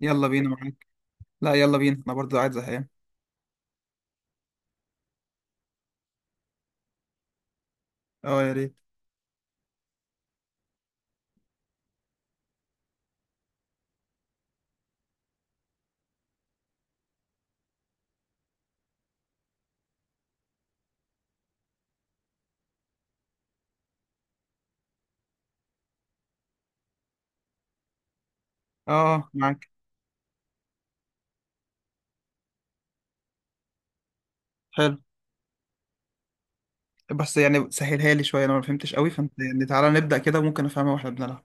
يلا بينا معاك. لا، يلا بينا، انا برضه قاعد زهقان. اه، يا ريت. اه معاك. حلو. بس يعني سهلها لي شويه، انا ما فهمتش قوي، فانت يعني تعالى نبدا كده ممكن افهمها واحنا بنلعب.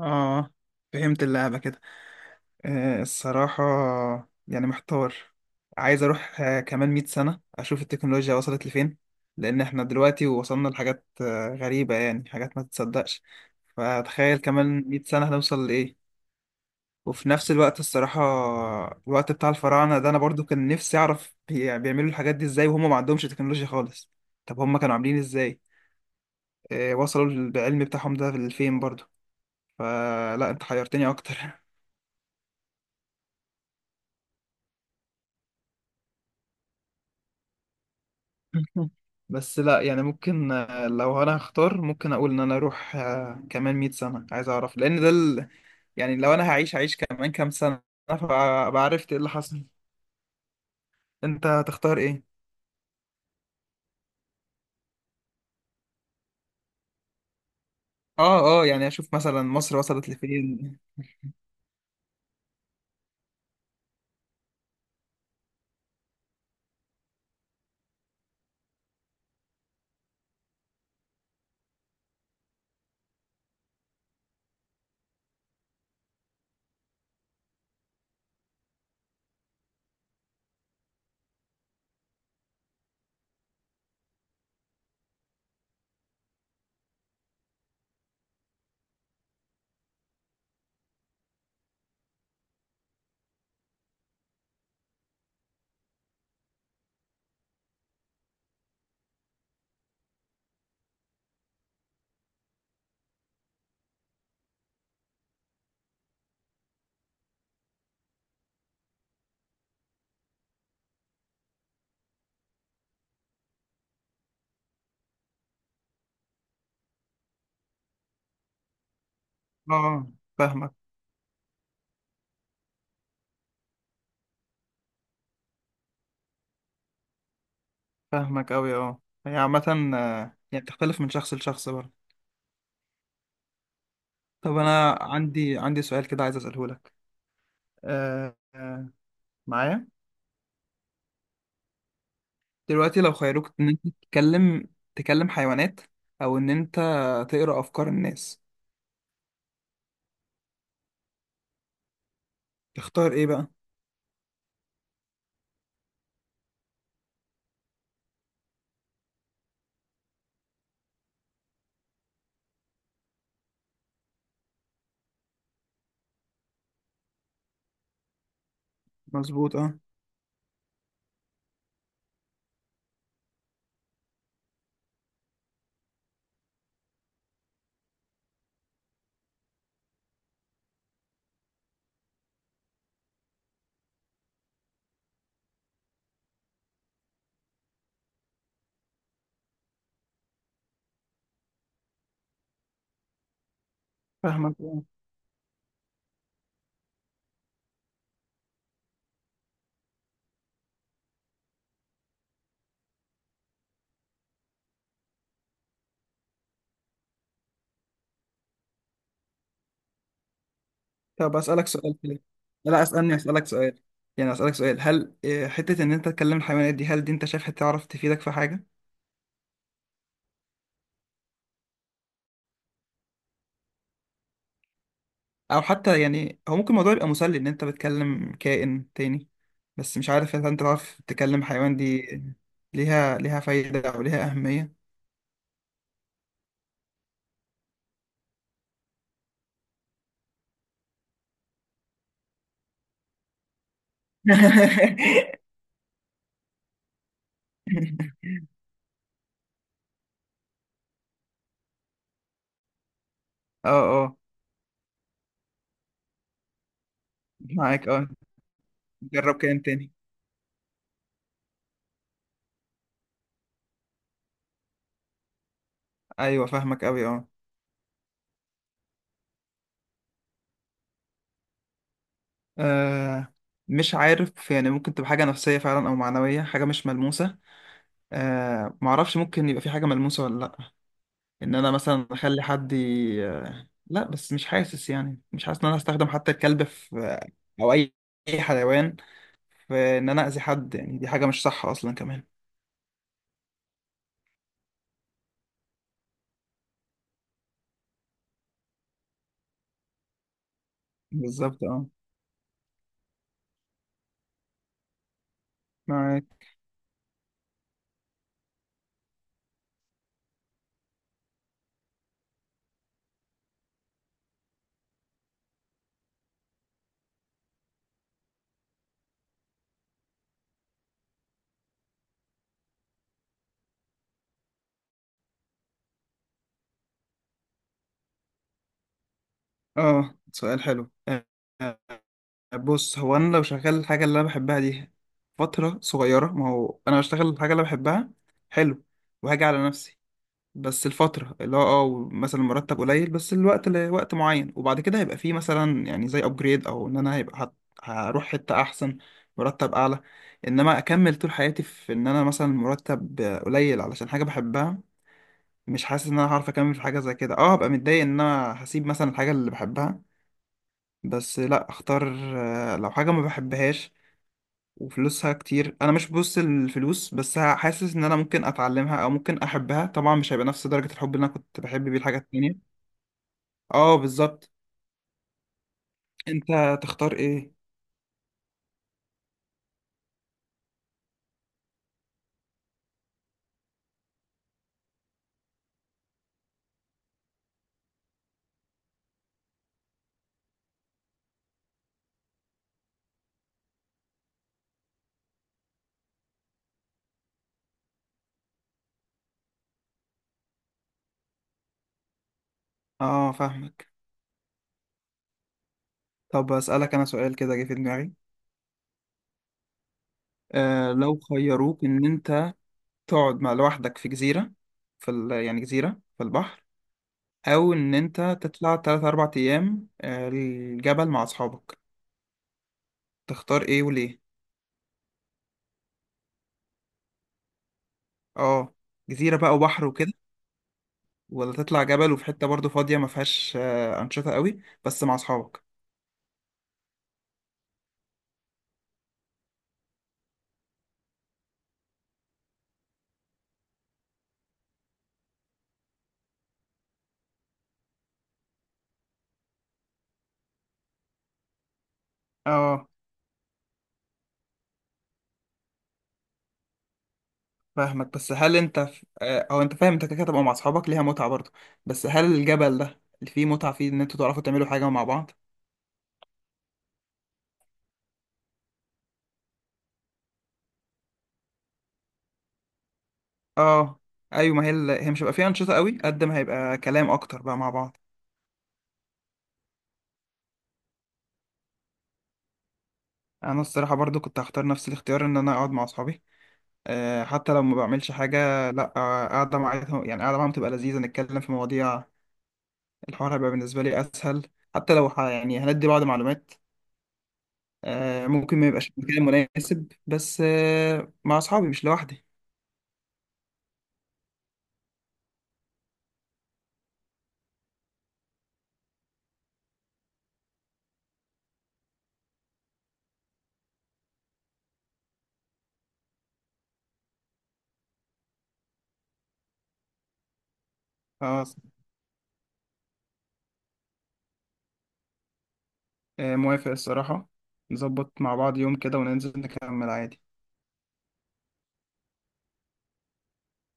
اه، فهمت اللعبه كده. آه الصراحه، يعني محتار. عايز اروح كمان 100 سنه اشوف التكنولوجيا وصلت لفين. لان احنا دلوقتي وصلنا لحاجات غريبه، يعني حاجات ما تتصدقش. فتخيل كمان 100 سنه هنوصل لايه. وفي نفس الوقت الصراحة، الوقت بتاع الفراعنة ده أنا برضو كان نفسي أعرف بيعملوا الحاجات دي إزاي وهم ما عندهمش تكنولوجيا خالص. طب هم كانوا عاملين إزاي؟ وصلوا بالعلم بتاعهم ده لفين برضو؟ فلا، أنت حيرتني أكتر. بس لا يعني ممكن، لو أنا هختار ممكن أقول إن أنا أروح كمان 100 سنة. عايز أعرف لأن ده يعني لو أنا هعيش كمان كام سنة فعرفت إيه اللي حصل. أنت هتختار إيه؟ يعني أشوف مثلا مصر وصلت لفين. آه فاهمك فاهمك أوي أه، هي عامة، يعني بتختلف من شخص لشخص برضه. طب أنا عندي سؤال كده عايز أسأله لك. أه، معايا. دلوقتي لو خيروك إن أنت تكلم حيوانات، أو إن أنت تقرأ أفكار الناس، تختار إيه بقى؟ مظبوط أه. فاهمك أه. طب أسألك سؤال كده، لا، أسألني أسألك سؤال. يعني أسألك سؤال، هل حتة إن أنت تكلم الحيوانات دي هل دي أنت شايفها تعرف تفيدك في حاجة؟ او حتى يعني هو ممكن الموضوع يبقى مسلي ان انت بتكلم كائن تاني، بس مش عارف اذا انت تعرف تكلم حيوان دي ليها فايدة او ليها اهمية. اه، اه معاك. اه جرب كائن تاني. ايوه فاهمك اوي اه. آه، مش عارف، يعني ممكن تبقى حاجة نفسية فعلا، او معنوية، حاجة مش ملموسة. آه معرفش، ممكن يبقى في حاجة ملموسة ولا لأ. إن أنا مثلا أخلي حد ي... آه، لأ، بس مش حاسس، يعني مش حاسس إن أنا هستخدم حتى الكلب في، او اي أي حيوان. فان انا اذي حد، يعني دي حاجه مش صح اصلا كمان. بالظبط اه. معاك اه. سؤال حلو، آه، بص هو انا لو شغال الحاجه اللي انا بحبها دي فتره صغيره، ما هو انا بشتغل الحاجه اللي أنا بحبها. حلو وهاجي على نفسي. بس الفترة اللي هو اه مثلا المرتب قليل، بس الوقت لوقت معين، وبعد كده هيبقى فيه مثلا يعني زي ابجريد، او ان انا هيبقى هروح حتة احسن، مرتب اعلى. انما اكمل طول حياتي في ان انا مثلا مرتب قليل علشان حاجة بحبها، مش حاسس ان انا هعرف اكمل في حاجة زي كده. اه هبقى متضايق ان انا هسيب مثلا الحاجة اللي بحبها. بس لا، اختار لو حاجة ما بحبهاش وفلوسها كتير. انا مش ببص الفلوس، بس حاسس ان انا ممكن اتعلمها او ممكن احبها. طبعا مش هيبقى نفس درجة الحب اللي انا كنت بحب بيه الحاجة التانية. اه بالظبط. انت تختار ايه؟ اه فاهمك. طب اسألك انا سؤال كده جه في دماغي. آه لو خيروك ان انت تقعد لوحدك في جزيرة، يعني جزيرة في البحر، او ان انت تطلع 3 4 ايام الجبل مع اصحابك، تختار ايه وليه؟ اه جزيرة بقى وبحر وكده، ولا تطلع جبل وفي حتة برضو فاضية ما فيهاش أنشطة قوي، بس مع أصحابك؟ اه فاهمك. بس هل أنت ف... آه، أو أنت فاهم أنت كده كده تبقى مع أصحابك ليها متعة برضو، بس هل الجبل ده اللي فيه متعة فيه إن أنتوا تعرفوا تعملوا حاجة مع بعض؟ اه. أيوة، ما هي ال... هي مش هيبقى فيها أنشطة قوي قد ما هيبقى كلام أكتر بقى مع بعض. أنا الصراحة برضو كنت هختار نفس الاختيار، إن أنا أقعد مع أصحابي. حتى لو ما بعملش حاجة لأ، قاعدة معاهم، يعني قاعدة معاهم تبقى لذيذة نتكلم في مواضيع. الحوار هيبقى بالنسبة لي أسهل، حتى لو يعني هندي بعض معلومات. ممكن ما يبقاش مكان مناسب، بس مع أصحابي مش لوحدي. خلاص. موافق الصراحة. نظبط مع بعض يوم كده وننزل نكمل عادي.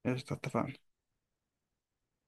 قشطة، اتفقنا.